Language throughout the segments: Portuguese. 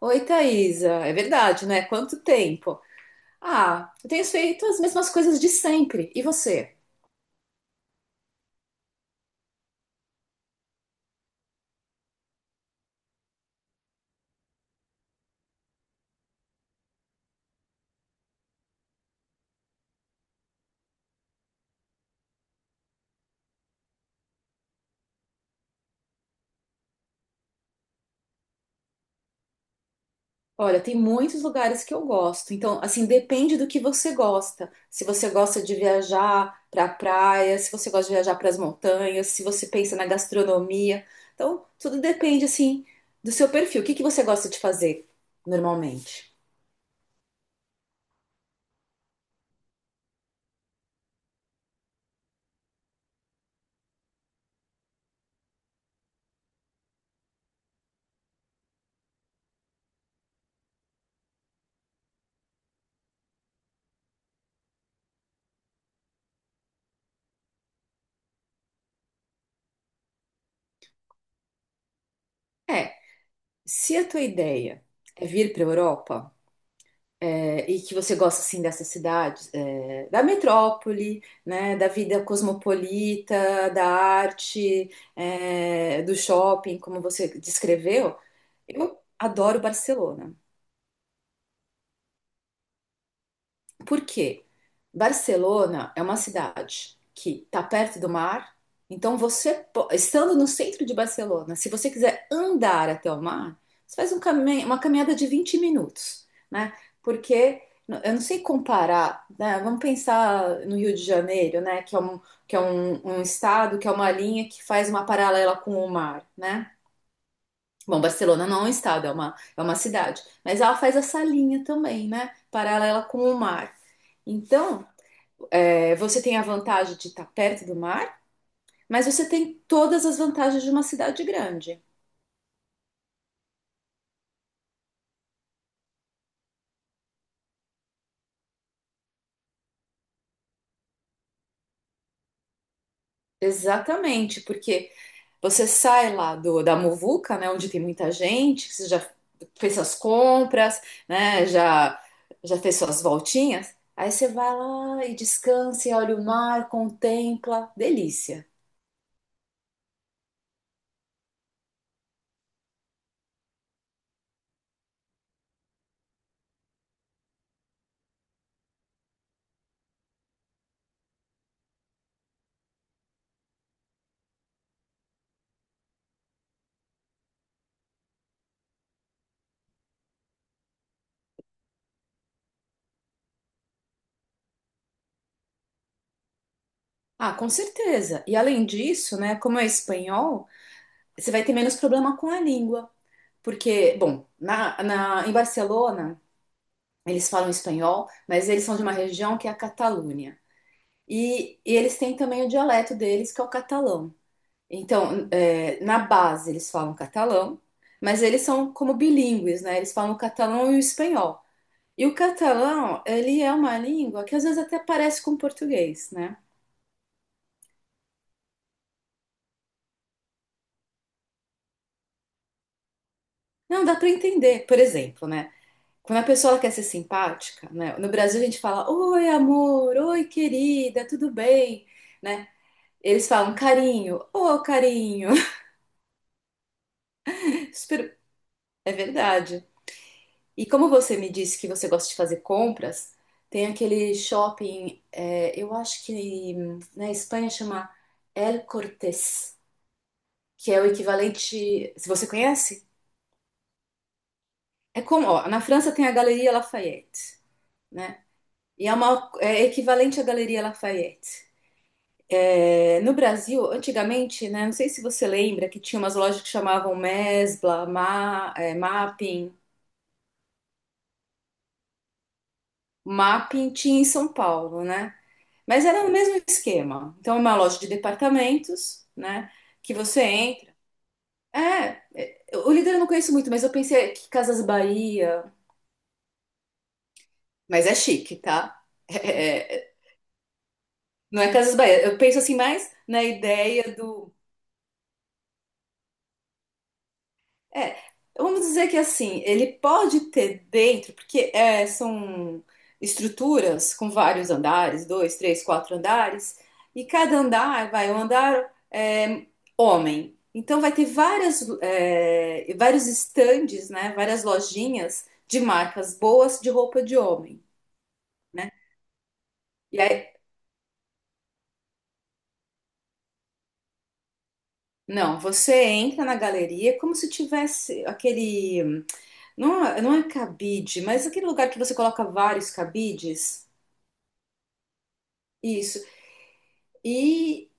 Oi, Thaisa. É verdade, né? Quanto tempo? Ah, eu tenho feito as mesmas coisas de sempre. E você? Olha, tem muitos lugares que eu gosto. Então, assim, depende do que você gosta. Se você gosta de viajar para a praia, se você gosta de viajar para as montanhas, se você pensa na gastronomia. Então, tudo depende, assim, do seu perfil. O que que você gosta de fazer normalmente? É, se a tua ideia é vir para a Europa. É, e que você gosta assim dessa cidade, da metrópole, né, da vida cosmopolita, da arte, do shopping, como você descreveu. Eu adoro Barcelona. Por quê? Barcelona é uma cidade que está perto do mar, então você, estando no centro de Barcelona, se você quiser andar até o mar, você faz um uma caminhada de 20 minutos, né? Porque eu não sei comparar, né? Vamos pensar no Rio de Janeiro, né? Que é um estado, que é uma linha que faz uma paralela com o mar, né? Bom, Barcelona não é um estado, é uma cidade. Mas ela faz essa linha também, né? Paralela com o mar. Então, você tem a vantagem de estar perto do mar, mas você tem todas as vantagens de uma cidade grande. Exatamente, porque você sai lá da muvuca, né? Onde tem muita gente, você já fez suas compras, né? Já, já fez suas voltinhas. Aí você vai lá e descansa, e olha o mar, contempla. Delícia. Ah, com certeza. E além disso, né, como é espanhol, você vai ter menos problema com a língua. Porque, bom, em Barcelona, eles falam espanhol, mas eles são de uma região que é a Catalunha. E eles têm também o dialeto deles, que é o catalão. Então, é, na base, eles falam catalão, mas eles são como bilíngues, né? Eles falam o catalão e o espanhol. E o catalão, ele é uma língua que às vezes até parece com o português, né? Não, dá para entender, por exemplo, né? Quando a pessoa ela quer ser simpática, né? No Brasil a gente fala, oi amor, oi querida, tudo bem, né? Eles falam carinho, ô carinho. Super- É verdade. E como você me disse que você gosta de fazer compras, tem aquele shopping, é, eu acho que na Espanha chama El Cortés, que é o equivalente, se você conhece, é como, ó, na França tem a Galeria Lafayette, né? E é uma, é equivalente à Galeria Lafayette. É, no Brasil, antigamente, né, não sei se você lembra que tinha umas lojas que chamavam Mesbla, Mapping. Mapping tinha em São Paulo, né? Mas era o mesmo esquema. Então, é uma loja de departamentos, né, que você entra. É, o líder eu não conheço muito, mas eu pensei que Casas Bahia, mas é chique, tá? É, é, é, não é Casas Bahia. Eu penso assim mais na ideia do. É, vamos dizer que assim, ele pode ter dentro, porque são estruturas com vários andares, dois, três, quatro andares, e cada andar vai um andar homem. Então vai ter várias, vários estandes, né? Várias lojinhas de marcas boas de roupa de homem, né? E aí, não, você entra na galeria como se tivesse aquele, não é cabide, mas aquele lugar que você coloca vários cabides. Isso. E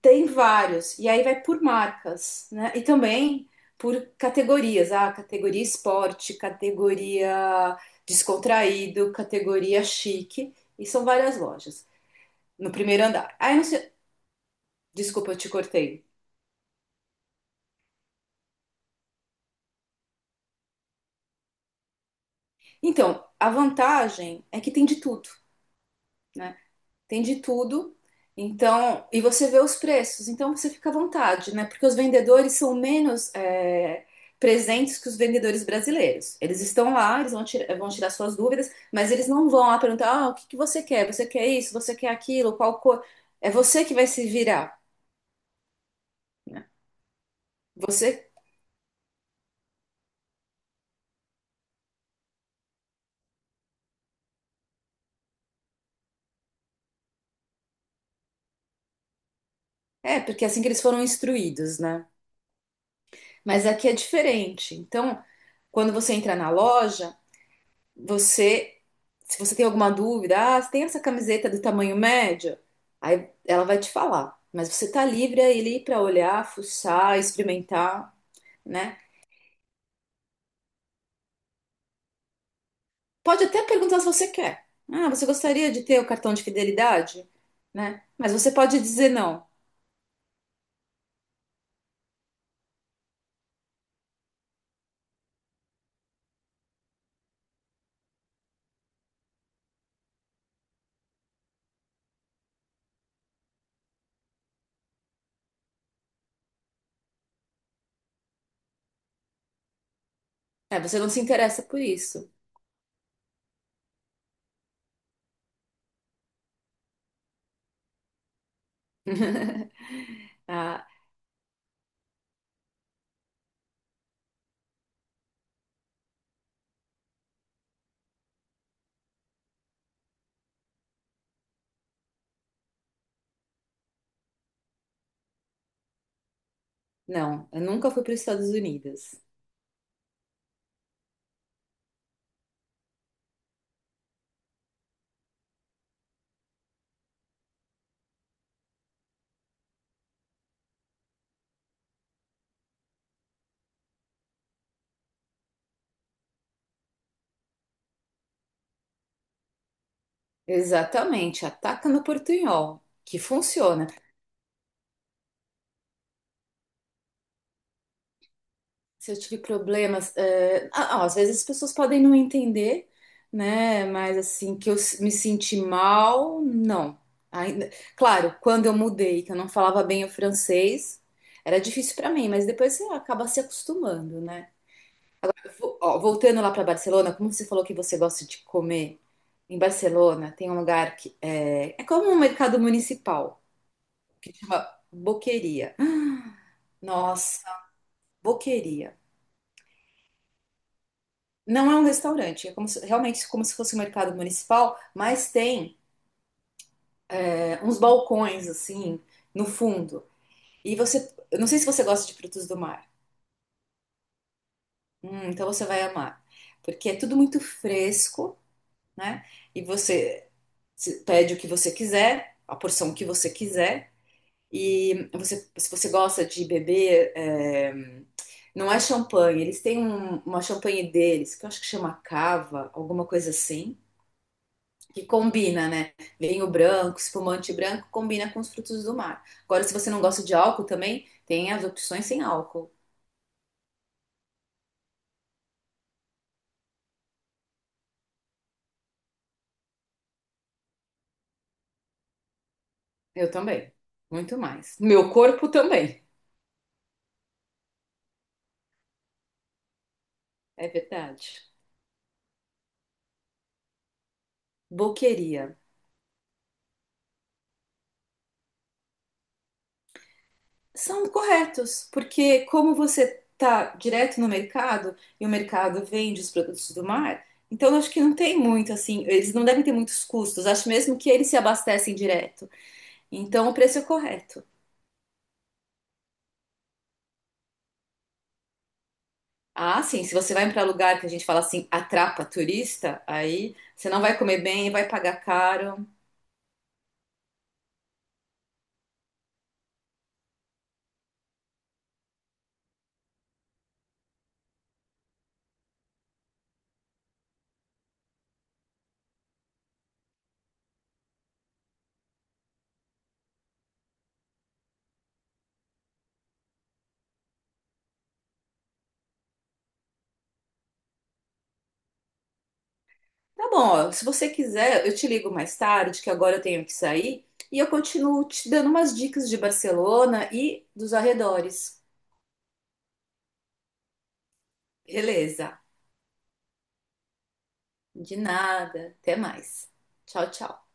tem vários. E aí vai por marcas, né? E também por categorias. Ah, categoria esporte, categoria descontraído, categoria chique. E são várias lojas no primeiro andar. Aí, não sei... Desculpa, eu te cortei. Então, a vantagem é que tem de tudo. Né, tem de tudo. Então, e você vê os preços, então você fica à vontade, né? Porque os vendedores são menos presentes que os vendedores brasileiros. Eles estão lá, eles vão, vão tirar suas dúvidas, mas eles não vão lá perguntar: ah, o que que você quer? Você quer isso? Você quer aquilo? Qual cor? É você que vai se virar, né? Você. É, porque é assim que eles foram instruídos, né? Mas aqui é diferente. Então, quando você entra na loja, você, se você tem alguma dúvida, ah, você tem essa camiseta do tamanho médio? Aí ela vai te falar. Mas você tá livre aí ali para olhar, fuçar, experimentar, né? Pode até perguntar se você quer. Ah, você gostaria de ter o cartão de fidelidade? Né? Mas você pode dizer não. É, você não se interessa por isso. Ah, não, eu nunca fui para os Estados Unidos. Exatamente, ataca no portunhol, que funciona. Se eu tive problemas, às vezes as pessoas podem não entender, né? Mas assim, que me senti mal, não. Ainda, claro, quando eu mudei, que eu não falava bem o francês, era difícil para mim, mas depois você acaba se acostumando, né? Ó, voltando lá para Barcelona, como você falou que você gosta de comer, em Barcelona tem um lugar que é como um mercado municipal, que chama Boqueria. Nossa, Boqueria. Não é um restaurante, é como realmente como se fosse um mercado municipal, mas tem uns balcões assim no fundo. E você, eu não sei se você gosta de frutos do mar. Então você vai amar, porque é tudo muito fresco, né? E você pede o que você quiser, a porção que você quiser. E você, se você gosta de beber, não é champanhe, eles têm uma champanhe deles, que eu acho que chama cava, alguma coisa assim. Que combina, né? Vinho branco, espumante branco, combina com os frutos do mar. Agora, se você não gosta de álcool também, tem as opções sem álcool. Eu também. Muito mais. Meu corpo também. É verdade. Boqueria. São corretos, porque como você tá direto no mercado e o mercado vende os produtos do mar, então eu acho que não tem muito assim, eles não devem ter muitos custos. Acho mesmo que eles se abastecem direto. Então o preço é correto. Ah, sim, se você vai para lugar que a gente fala assim, atrapa turista, aí você não vai comer bem, vai pagar caro. Tá bom, ó, se você quiser, eu te ligo mais tarde, que agora eu tenho que sair, e eu continuo te dando umas dicas de Barcelona e dos arredores. Beleza, de nada, até mais. Tchau, tchau.